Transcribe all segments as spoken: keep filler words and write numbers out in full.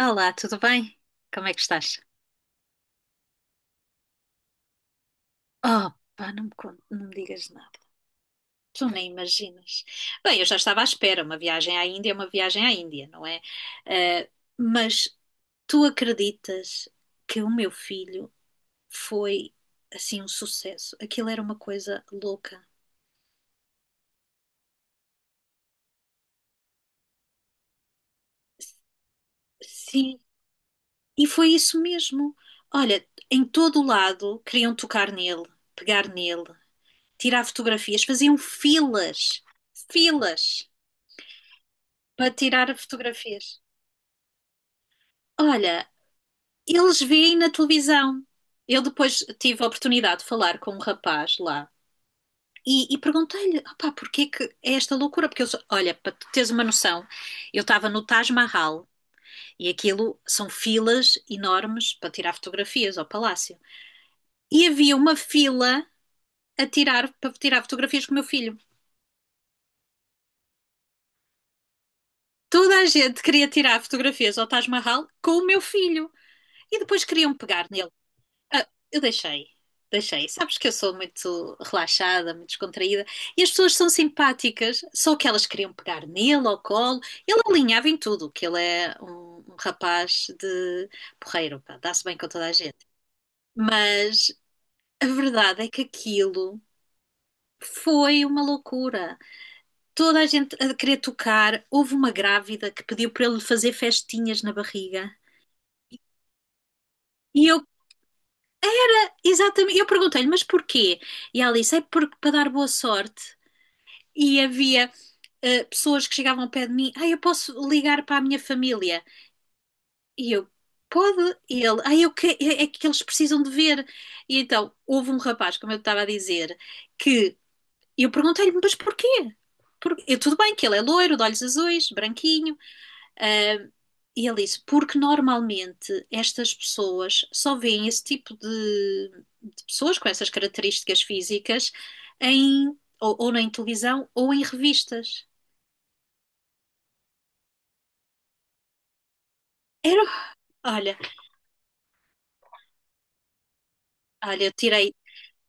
Olá, tudo bem? Como é que estás? Oh, pá, não me, con- não me digas nada. Tu nem imaginas. Bem, eu já estava à espera. Uma viagem à Índia é uma viagem à Índia, não é? Eh, mas tu acreditas que o meu filho foi, assim, um sucesso? Aquilo era uma coisa louca. Sim, e foi isso mesmo. Olha, em todo o lado queriam tocar nele, pegar nele, tirar fotografias, faziam filas, filas para tirar fotografias. Olha, eles veem na televisão. Eu depois tive a oportunidade de falar com um rapaz lá e, e perguntei-lhe, opá, porquê que é esta loucura? Porque eu, sou- olha, para tu teres uma noção, eu estava no Taj Mahal e aquilo são filas enormes para tirar fotografias ao palácio. E havia uma fila a tirar, para tirar fotografias com o meu filho. Toda a gente queria tirar fotografias ao Taj Mahal com o meu filho. E depois queriam pegar nele. Ah, eu deixei, deixei. Sabes que eu sou muito relaxada, muito descontraída, e as pessoas são simpáticas, só que elas queriam pegar nele ao colo. Ele alinhava em tudo, que ele é um, um, rapaz de porreiro, pá, dá-se bem com toda a gente. Mas a verdade é que aquilo foi uma loucura. Toda a gente a querer tocar, houve uma grávida que pediu para ele fazer festinhas na barriga. E eu, exatamente, eu perguntei-lhe, mas porquê? E ela disse, é porque para dar boa sorte. E havia eh, pessoas que chegavam ao pé de mim, ah, eu posso ligar para a minha família? E eu, pode? E ele, ah, eu que, é é que eles precisam de ver. E então, houve um rapaz, como eu estava a dizer, que eu perguntei-lhe, mas porquê? Por- eu, tudo bem que ele é loiro, de olhos azuis, branquinho, ah, e ele disse, porque normalmente estas pessoas só veem esse tipo de, de pessoas com essas características físicas em, ou, ou na televisão ou em revistas. Era Olha, olha, eu tirei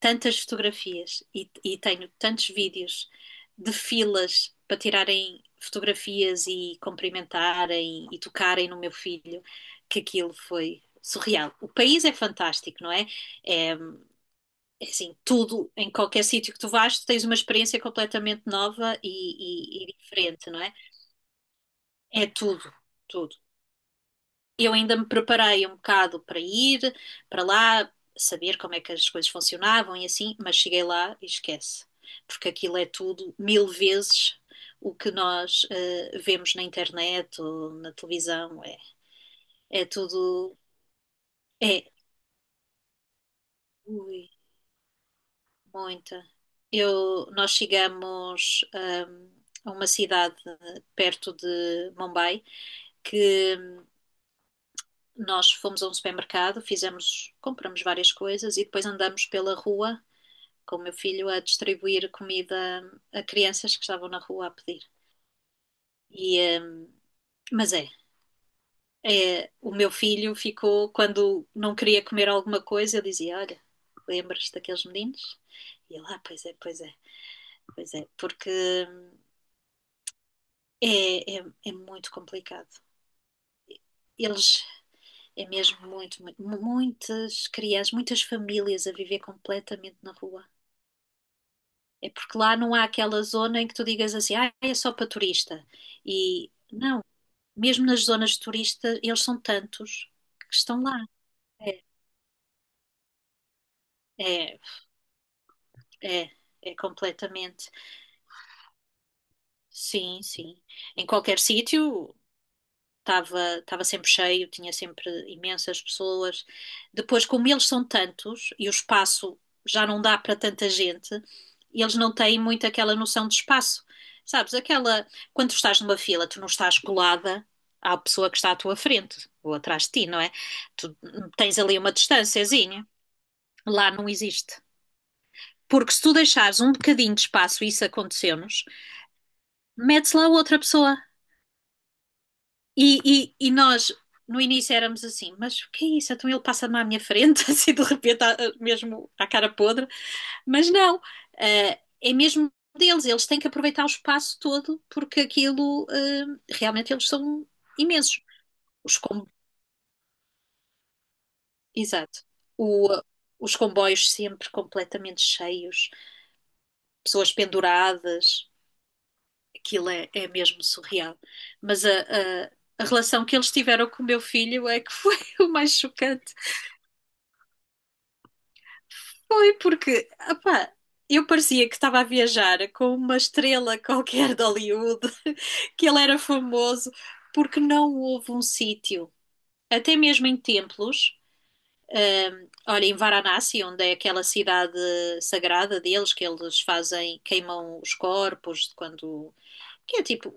tantas fotografias e, e tenho tantos vídeos de filas para tirarem fotografias e cumprimentarem e tocarem no meu filho, que aquilo foi surreal. O país é fantástico, não é? É, é assim, tudo, em qualquer sítio que tu vais, tu tens uma experiência completamente nova e, e- e diferente, não é? É tudo, tudo. Eu ainda me preparei um bocado para ir para lá, saber como é que as coisas funcionavam e assim, mas cheguei lá e esquece, porque aquilo é tudo mil vezes o que nós eh, vemos na internet ou na televisão. É, é tudo. É, ui, muita. Eu, nós chegamos ahm, a uma cidade perto de Mumbai que nós fomos a um supermercado, fizemos, compramos várias coisas e depois andamos pela rua com o meu filho a distribuir comida a crianças que estavam na rua a pedir. E, eh, mas é, é, o meu filho ficou, quando não queria comer alguma coisa, eu dizia: Olha, lembras daqueles meninos? E ele, ah, pois é, pois é, pois é, porque hum, é, é, é muito complicado. Eles, é mesmo muito, muito, muitas crianças, muitas famílias a viver completamente na rua. É porque lá não há aquela zona em que tu digas assim, ah, é só para turista. E não, mesmo nas zonas turistas, eles são tantos que estão lá. É, é, é, é completamente. Sim, sim. Em qualquer sítio estava estava sempre cheio, tinha sempre imensas pessoas. Depois, como eles são tantos e o espaço já não dá para tanta gente, eles não têm muito aquela noção de espaço. Sabes, aquela. Quando tu estás numa fila, tu não estás colada à pessoa que está à tua frente ou atrás de ti, não é? Tu tens ali uma distânciazinha. Lá não existe. Porque se tu deixares um bocadinho de espaço, isso aconteceu-nos, metes lá outra pessoa. E, e, e nós, no início, éramos assim, mas o que é isso? Então ele passa-me à minha frente, assim, de repente, mesmo à cara podre. Mas não, eh, é mesmo deles. Eles têm que aproveitar o espaço todo, porque aquilo, eh, realmente, eles são imensos. Os com... Exato. O, os comboios sempre completamente cheios, pessoas penduradas. Aquilo é, é mesmo surreal. Mas a, a, a relação que eles tiveram com o meu filho é que foi o mais chocante. Foi porque, opá, eu parecia que estava a viajar com uma estrela qualquer de Hollywood, que ele era famoso, porque não houve um sítio, até mesmo em templos. Olha, em Varanasi, onde é aquela cidade sagrada deles, que eles fazem, queimam os corpos quando. Que é tipo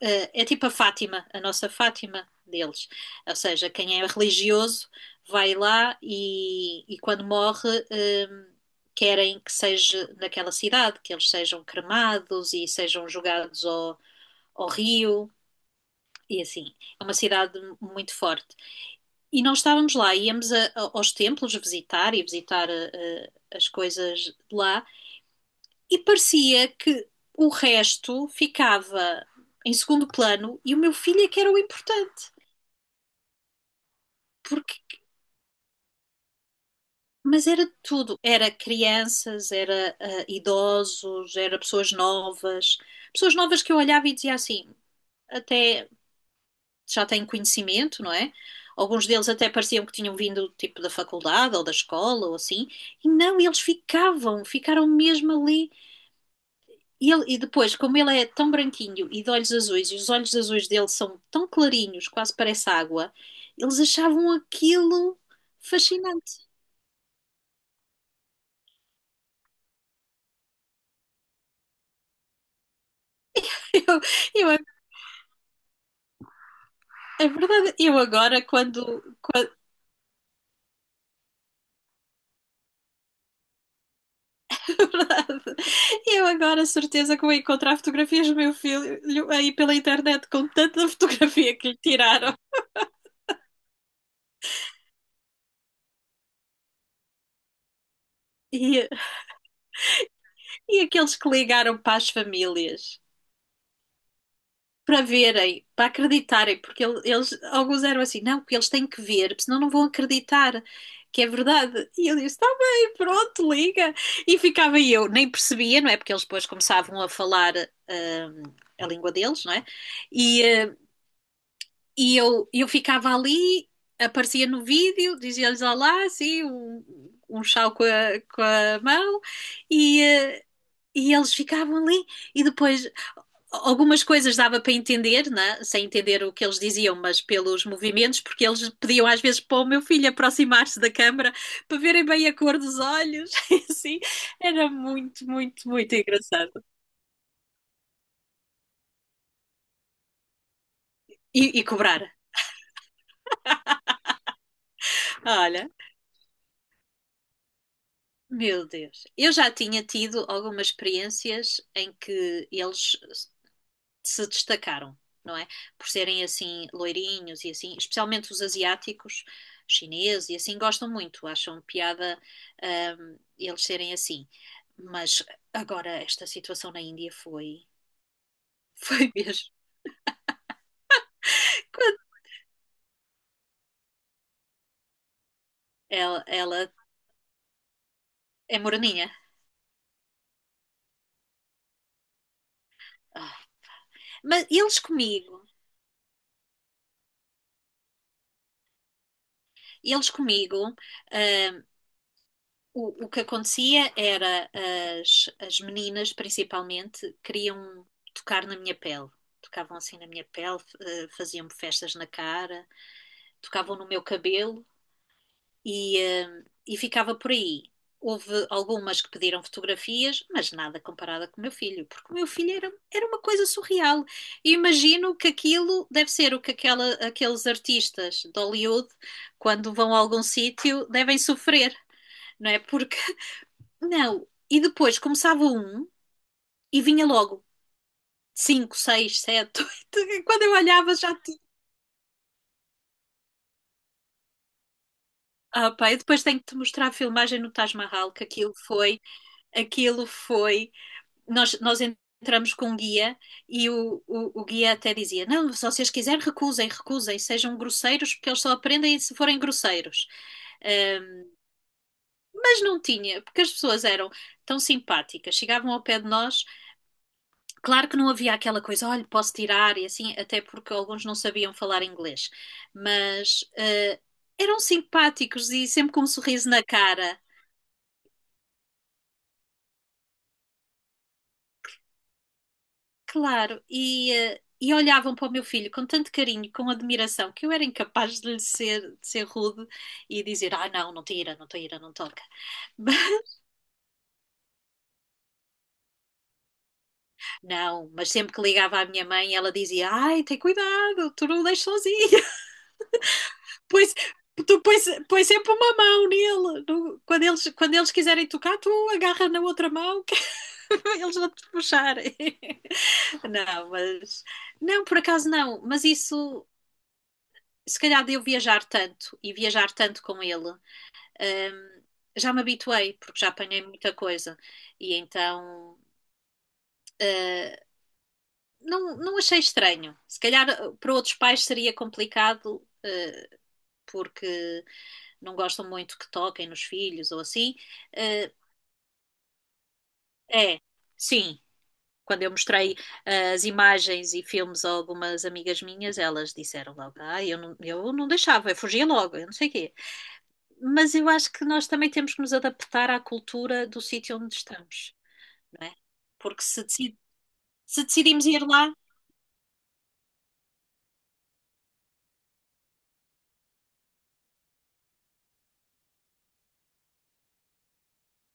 eh, é tipo a Fátima, a nossa Fátima deles. Ou seja, quem é religioso vai lá e, e quando morre, eh, querem que seja naquela cidade, que eles sejam cremados e sejam jogados ao, ao rio. E assim, é uma cidade muito forte. E nós estávamos lá, íamos a- a- aos templos visitar e visitar eh, as coisas de lá, e parecia que o resto ficava em segundo plano e o meu filho é que era o importante. porque, mas era de tudo. Era crianças, era ah, idosos, era pessoas novas. Pessoas novas que eu olhava e dizia assim, até já têm conhecimento, não é? Alguns deles até pareciam que tinham vindo tipo da faculdade ou da escola ou assim. E não, eles ficavam, ficaram mesmo ali. E, ele- e depois, como ele é tão branquinho e de olhos azuis, e os olhos azuis dele são tão clarinhos, quase parece água, eles achavam aquilo fascinante. Eu, eu É verdade, eu agora, quando. quando é verdade. Eu agora, certeza que vou encontrar fotografias do meu filho aí pela internet com tanta fotografia que lhe tiraram. E, e aqueles que ligaram para as famílias para verem, para acreditarem, porque ele- eles, alguns eram assim, não, porque eles têm que ver, porque senão não vão acreditar que é verdade. E eu disse, está bem, pronto, liga. E ficava eu, nem percebia, não é? Porque eles depois começavam a falar. hum, a língua deles, não é? E, E eu, eu ficava ali, aparecia no vídeo, dizia-lhes olá, assim, um, um, chau com a, com a mão, e, eh, e eles ficavam ali. E depois, algumas coisas dava para entender, né? Sem entender o que eles diziam, mas pelos movimentos, porque eles pediam às vezes para o meu filho aproximar-se da câmara para verem bem a cor dos olhos, e assim. Era muito, muito, muito engraçado. E, e cobrar. Olha. Meu Deus. Eu já tinha tido algumas experiências em que eles se destacaram, não é? Por serem assim loirinhos e assim, especialmente os asiáticos, chineses e assim, gostam muito, acham piada, hum, eles serem assim. Mas agora esta situação na Índia foi, foi mesmo. Quando ela, ela é moreninha. Ah. Mas eles comigo, eles comigo. hum, O, o que acontecia era as, as meninas, principalmente, queriam tocar na minha pele. Tocavam assim na minha pele, eh, faziam-me festas na cara, tocavam no meu cabelo e, eh, e ficava por aí. Houve algumas que pediram fotografias, mas nada comparada com o meu filho, porque o meu filho era, era uma coisa surreal. E imagino que aquilo deve ser o que aquela, aqueles artistas de Hollywood, quando vão a algum sítio, devem sofrer, não é? Porque não. E depois começava um e vinha logo cinco, seis, sete. oito. Quando eu olhava já tinha. Ah, pá, eu depois tenho que te mostrar a filmagem no Taj Mahal, que aquilo foi, aquilo foi. Nós, nós entramos com um guia e o, o, o guia até dizia: Não, se vocês quiserem, recusem, recusem, sejam grosseiros, porque eles só aprendem se forem grosseiros. Ah, mas não tinha, porque as pessoas eram tão simpáticas, chegavam ao pé de nós. Claro que não havia aquela coisa, olha, posso tirar e assim, até porque alguns não sabiam falar inglês, mas eh, eram simpáticos e sempre com um sorriso na cara, claro, e, eh, e olhavam para o meu filho com tanto carinho, com admiração, que eu era incapaz de lhe ser, de ser rude e dizer, ah, não, não tira, não tira, não toca. Não, mas sempre que ligava à minha mãe, ela dizia, ai, tem cuidado, tu não o deixas sozinho. Pois, tu pões, pões sempre uma mão nele. No- quando eles, quando eles, quiserem tocar, tu agarra na outra mão que eles vão te puxarem. Não, mas não, por acaso não. Mas isso, se calhar de eu viajar tanto e viajar tanto com ele, hum, já me habituei, porque já apanhei muita coisa. E então. eh, não, não achei estranho. Se calhar eh, para outros pais seria complicado, eh, porque não gostam muito que toquem nos filhos ou assim. Eh, É, sim. Quando eu mostrei eh, as imagens e filmes a algumas amigas minhas, elas disseram logo: Ah, eu não, eu não deixava, eu fugia logo, eu não sei o quê. Mas eu acho que nós também temos que nos adaptar à cultura do sítio onde estamos, não é? Porque se, decid- se decidimos ir lá,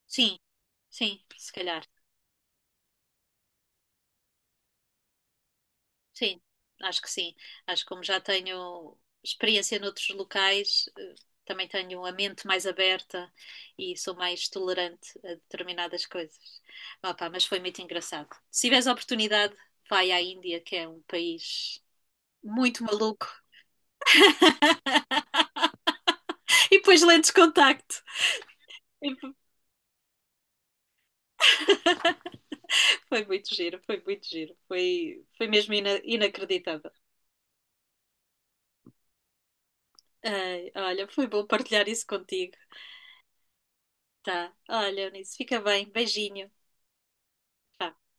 sim, sim, se calhar. Sim, acho que sim. Acho que como já tenho experiência noutros locais, eh, também tenho a mente mais aberta e sou mais tolerante a determinadas coisas. Opá, mas foi muito engraçado. Se tiveres a oportunidade, vai à Índia, que é um país muito maluco. E depois lentes de contacto. Foi muito giro, foi muito giro. Foi, foi mesmo ina- inacreditável. Ai, olha, foi bom partilhar isso contigo. Tá. Olha, Eunice, fica bem. Beijinho. Tchau.